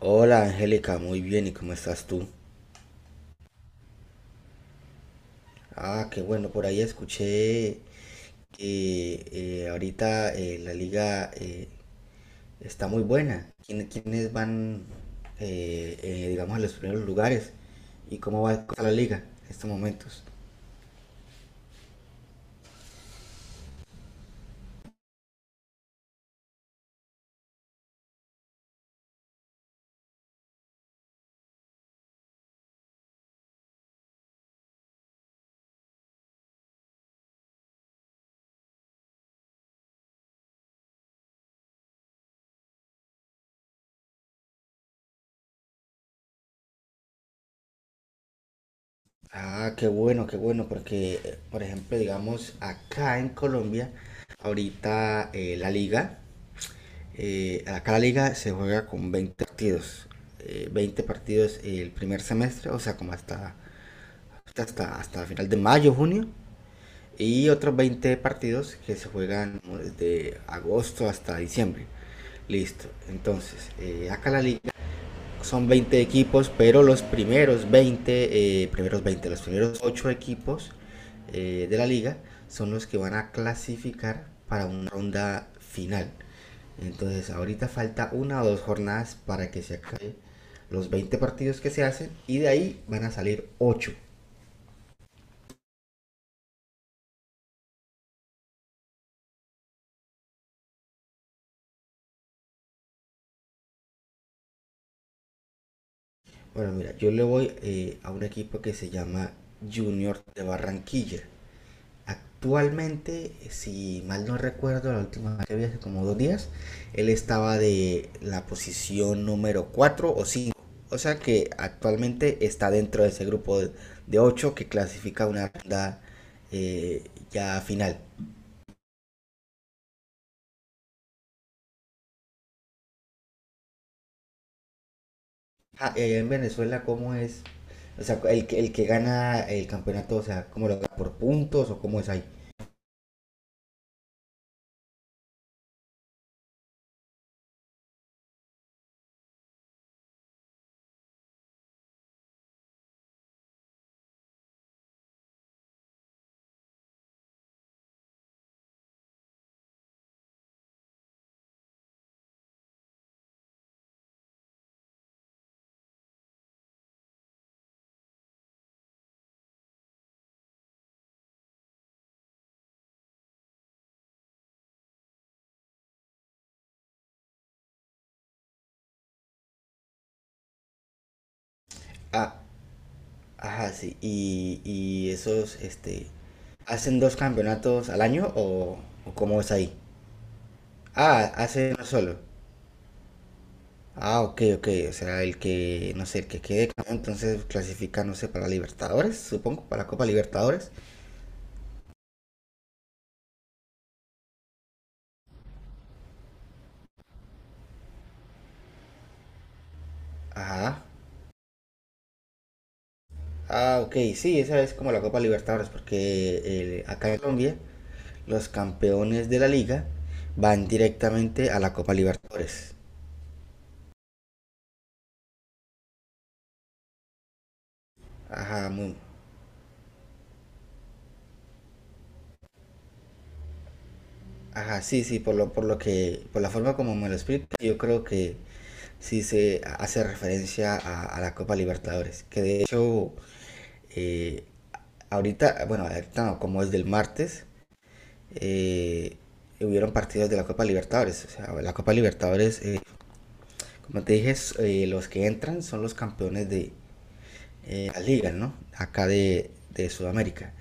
Hola Angélica, muy bien, ¿y cómo estás tú? Ah, qué bueno, por ahí escuché que ahorita la liga está muy buena. ¿Quiénes van, digamos, a los primeros lugares? ¿Y cómo va la liga en estos momentos? Ah, qué bueno, porque, por ejemplo, digamos, acá en Colombia, ahorita la liga acá la liga se juega con 20 partidos. 20 partidos el primer semestre, o sea, como hasta final de mayo, junio. Y otros 20 partidos que se juegan desde agosto hasta diciembre. Listo. Entonces, acá la liga son 20 equipos, pero los primeros 20 los primeros 8 equipos de la liga son los que van a clasificar para una ronda final. Entonces ahorita falta una o dos jornadas para que se acabe los 20 partidos que se hacen y de ahí van a salir ocho. Bueno, mira, yo le voy a un equipo que se llama Junior de Barranquilla. Actualmente, si mal no recuerdo, la última vez que vi hace como dos días, él estaba de la posición número 4 o cinco. O sea que actualmente está dentro de ese grupo de 8 que clasifica una ronda eh, ya final. Ah, ¿y en Venezuela, cómo es? O sea, el que gana el campeonato, o sea, ¿cómo lo gana? ¿Por puntos o cómo es ahí? Ah, ajá, sí. Y esos, hacen dos campeonatos al año o cómo es ahí? Ah, hacen uno solo. Ah, ok, ok. O sea, el que, no sé, el que quede campeón, entonces clasifica, no sé, para Libertadores, supongo, para Copa Libertadores. Ajá. Ah, ok, sí, esa es como la Copa Libertadores, porque acá en Colombia los campeones de la liga van directamente a la Copa Libertadores. Ajá, muy, Ajá, sí, sí, por lo que, por la forma como me lo explica, yo creo que sí se hace referencia a la Copa Libertadores, que de hecho, eh, ahorita, bueno, ahorita no, como es del martes, eh, hubieron partidos de la Copa Libertadores, o sea, la Copa Libertadores, como te dije, es, los que entran son los campeones de, las ligas, ¿no? Acá de Sudamérica.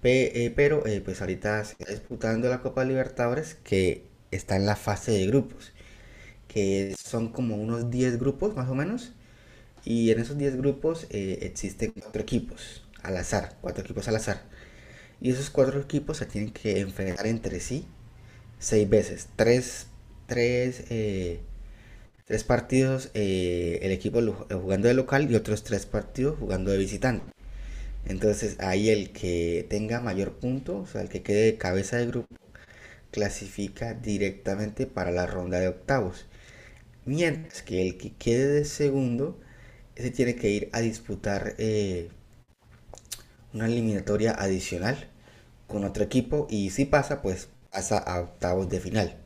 Pero pues ahorita se está disputando la Copa Libertadores que está en la fase de grupos, que son como unos 10 grupos más o menos. Y en esos 10 grupos existen cuatro equipos al azar, cuatro equipos al azar. Y esos cuatro equipos se tienen que enfrentar entre sí seis veces. Tres, eh, tres partidos el equipo jugando de local y otros tres partidos jugando de visitante. Entonces ahí el que tenga mayor punto, o sea, el que quede de cabeza de grupo, clasifica directamente para la ronda de octavos. Mientras que el que quede de segundo, ese tiene que ir a disputar una eliminatoria adicional con otro equipo y si pasa, pues pasa a octavos de final.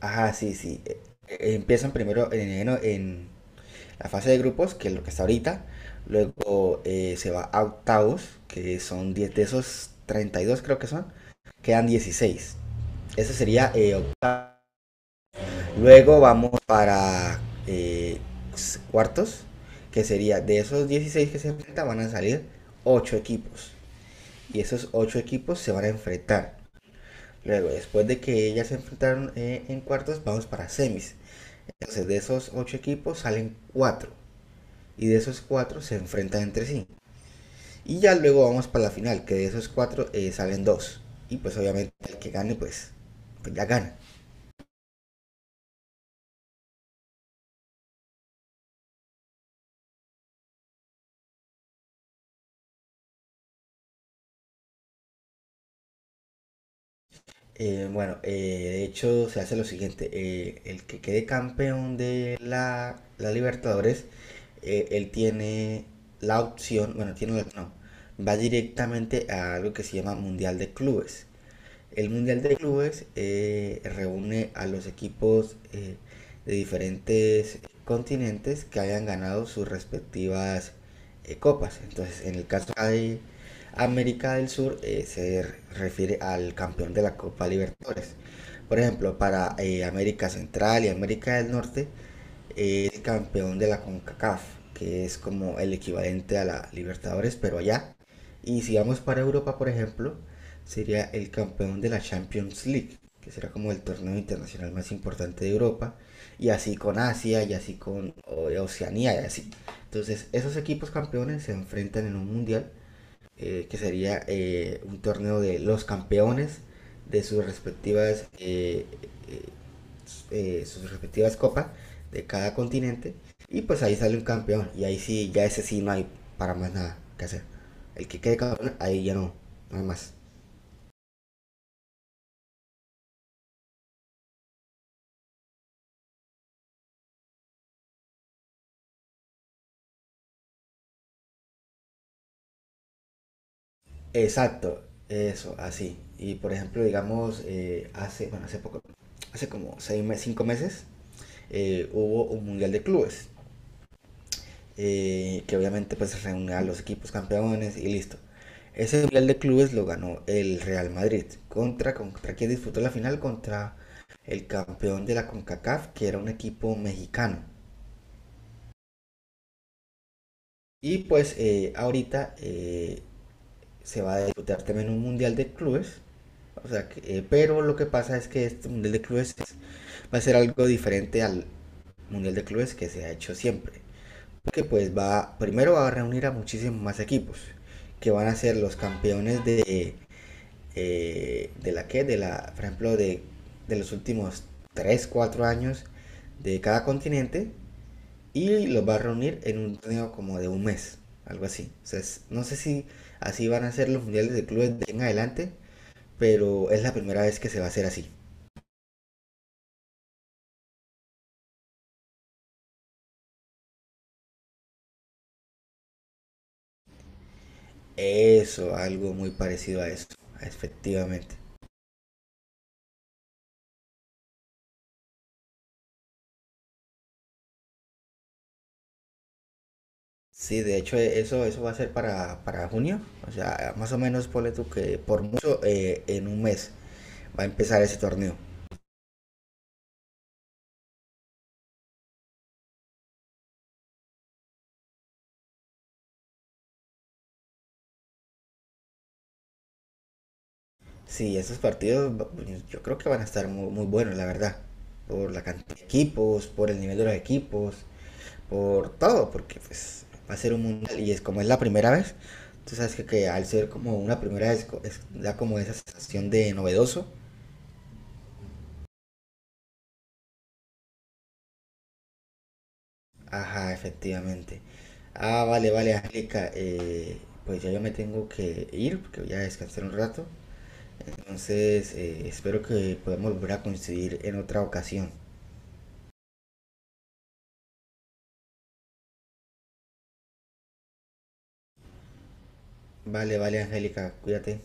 Ajá, sí, sí. Empiezan primero en la fase de grupos, que es lo que está ahorita. Luego se va a octavos, que son 10 de esos 32 creo que son. Quedan 16, eso sería octavos. Luego vamos para eh, cuartos, que sería de esos 16 que se enfrentan van a salir 8 equipos. Y esos 8 equipos se van a enfrentar. Luego, después de que ellas se enfrentaron en cuartos, vamos para semis. Entonces, de esos 8 equipos salen 4 y de esos cuatro se enfrentan entre sí. Y ya luego vamos para la final, que de esos cuatro salen dos. Y pues obviamente el que gane, pues, pues ya gana. Bueno, de hecho se hace lo siguiente, el que quede campeón de la Libertadores, él tiene la opción, bueno, tiene la, no, va directamente a algo que se llama Mundial de Clubes. El Mundial de Clubes reúne a los equipos de diferentes continentes que hayan ganado sus respectivas copas. Entonces, en el caso hay América del Sur, se refiere al campeón de la Copa Libertadores. Por ejemplo, para América Central y América del Norte, el campeón de la CONCACAF, que es como el equivalente a la Libertadores, pero allá. Y si vamos para Europa, por ejemplo, sería el campeón de la Champions League, que será como el torneo internacional más importante de Europa, y así con Asia, y así con Oceanía, y así. Entonces, esos equipos campeones se enfrentan en un mundial que sería un torneo de los campeones de eh, sus respectivas copas de cada continente. Y pues ahí sale un campeón. Y ahí sí, ya ese sí no hay para más nada que hacer. El que quede campeón, ahí ya no, no hay más. Exacto, eso, así. Y por ejemplo, digamos, hace, bueno, hace poco, hace como seis, cinco meses, hubo un mundial de clubes. Que obviamente pues reúne a los equipos campeones y listo. Ese Mundial de Clubes lo ganó el Real Madrid. ¿Contra, contra quién disputó la final? Contra el campeón de la CONCACAF, que era un equipo mexicano. Y pues ahorita se va a disputar también un Mundial de Clubes. O sea, que, pero lo que pasa es que este Mundial de Clubes es- va a ser algo diferente al Mundial de Clubes que se ha hecho siempre. Que pues va, primero va a reunir a muchísimos más equipos, que van a ser los campeones de, de la, por ejemplo, de los últimos 3 4 años de cada continente, y los va a reunir en un torneo como de un mes, algo así. O sea, no sé si así van a ser los mundiales de clubes de en adelante, pero es la primera vez que se va a hacer así. Eso, algo muy parecido a eso, efectivamente. Sí, de hecho eso, eso va a ser para junio, o sea, más o menos ponle tú que por mucho en un mes va a empezar ese torneo. Sí, esos pues, yo creo que van a estar muy, muy buenos, la verdad, por la cantidad de equipos, por el nivel de los equipos, por todo, porque pues va a ser un mundial y es como es la primera vez, tú sabes que al ser como una primera vez da como esa sensación de novedoso. Ajá, efectivamente. Ah, vale, vale, Angélica. Pues ya yo me tengo que ir porque voy a descansar un rato. Entonces, espero que podamos volver a coincidir en otra ocasión. Vale, vale, Angélica, cuídate.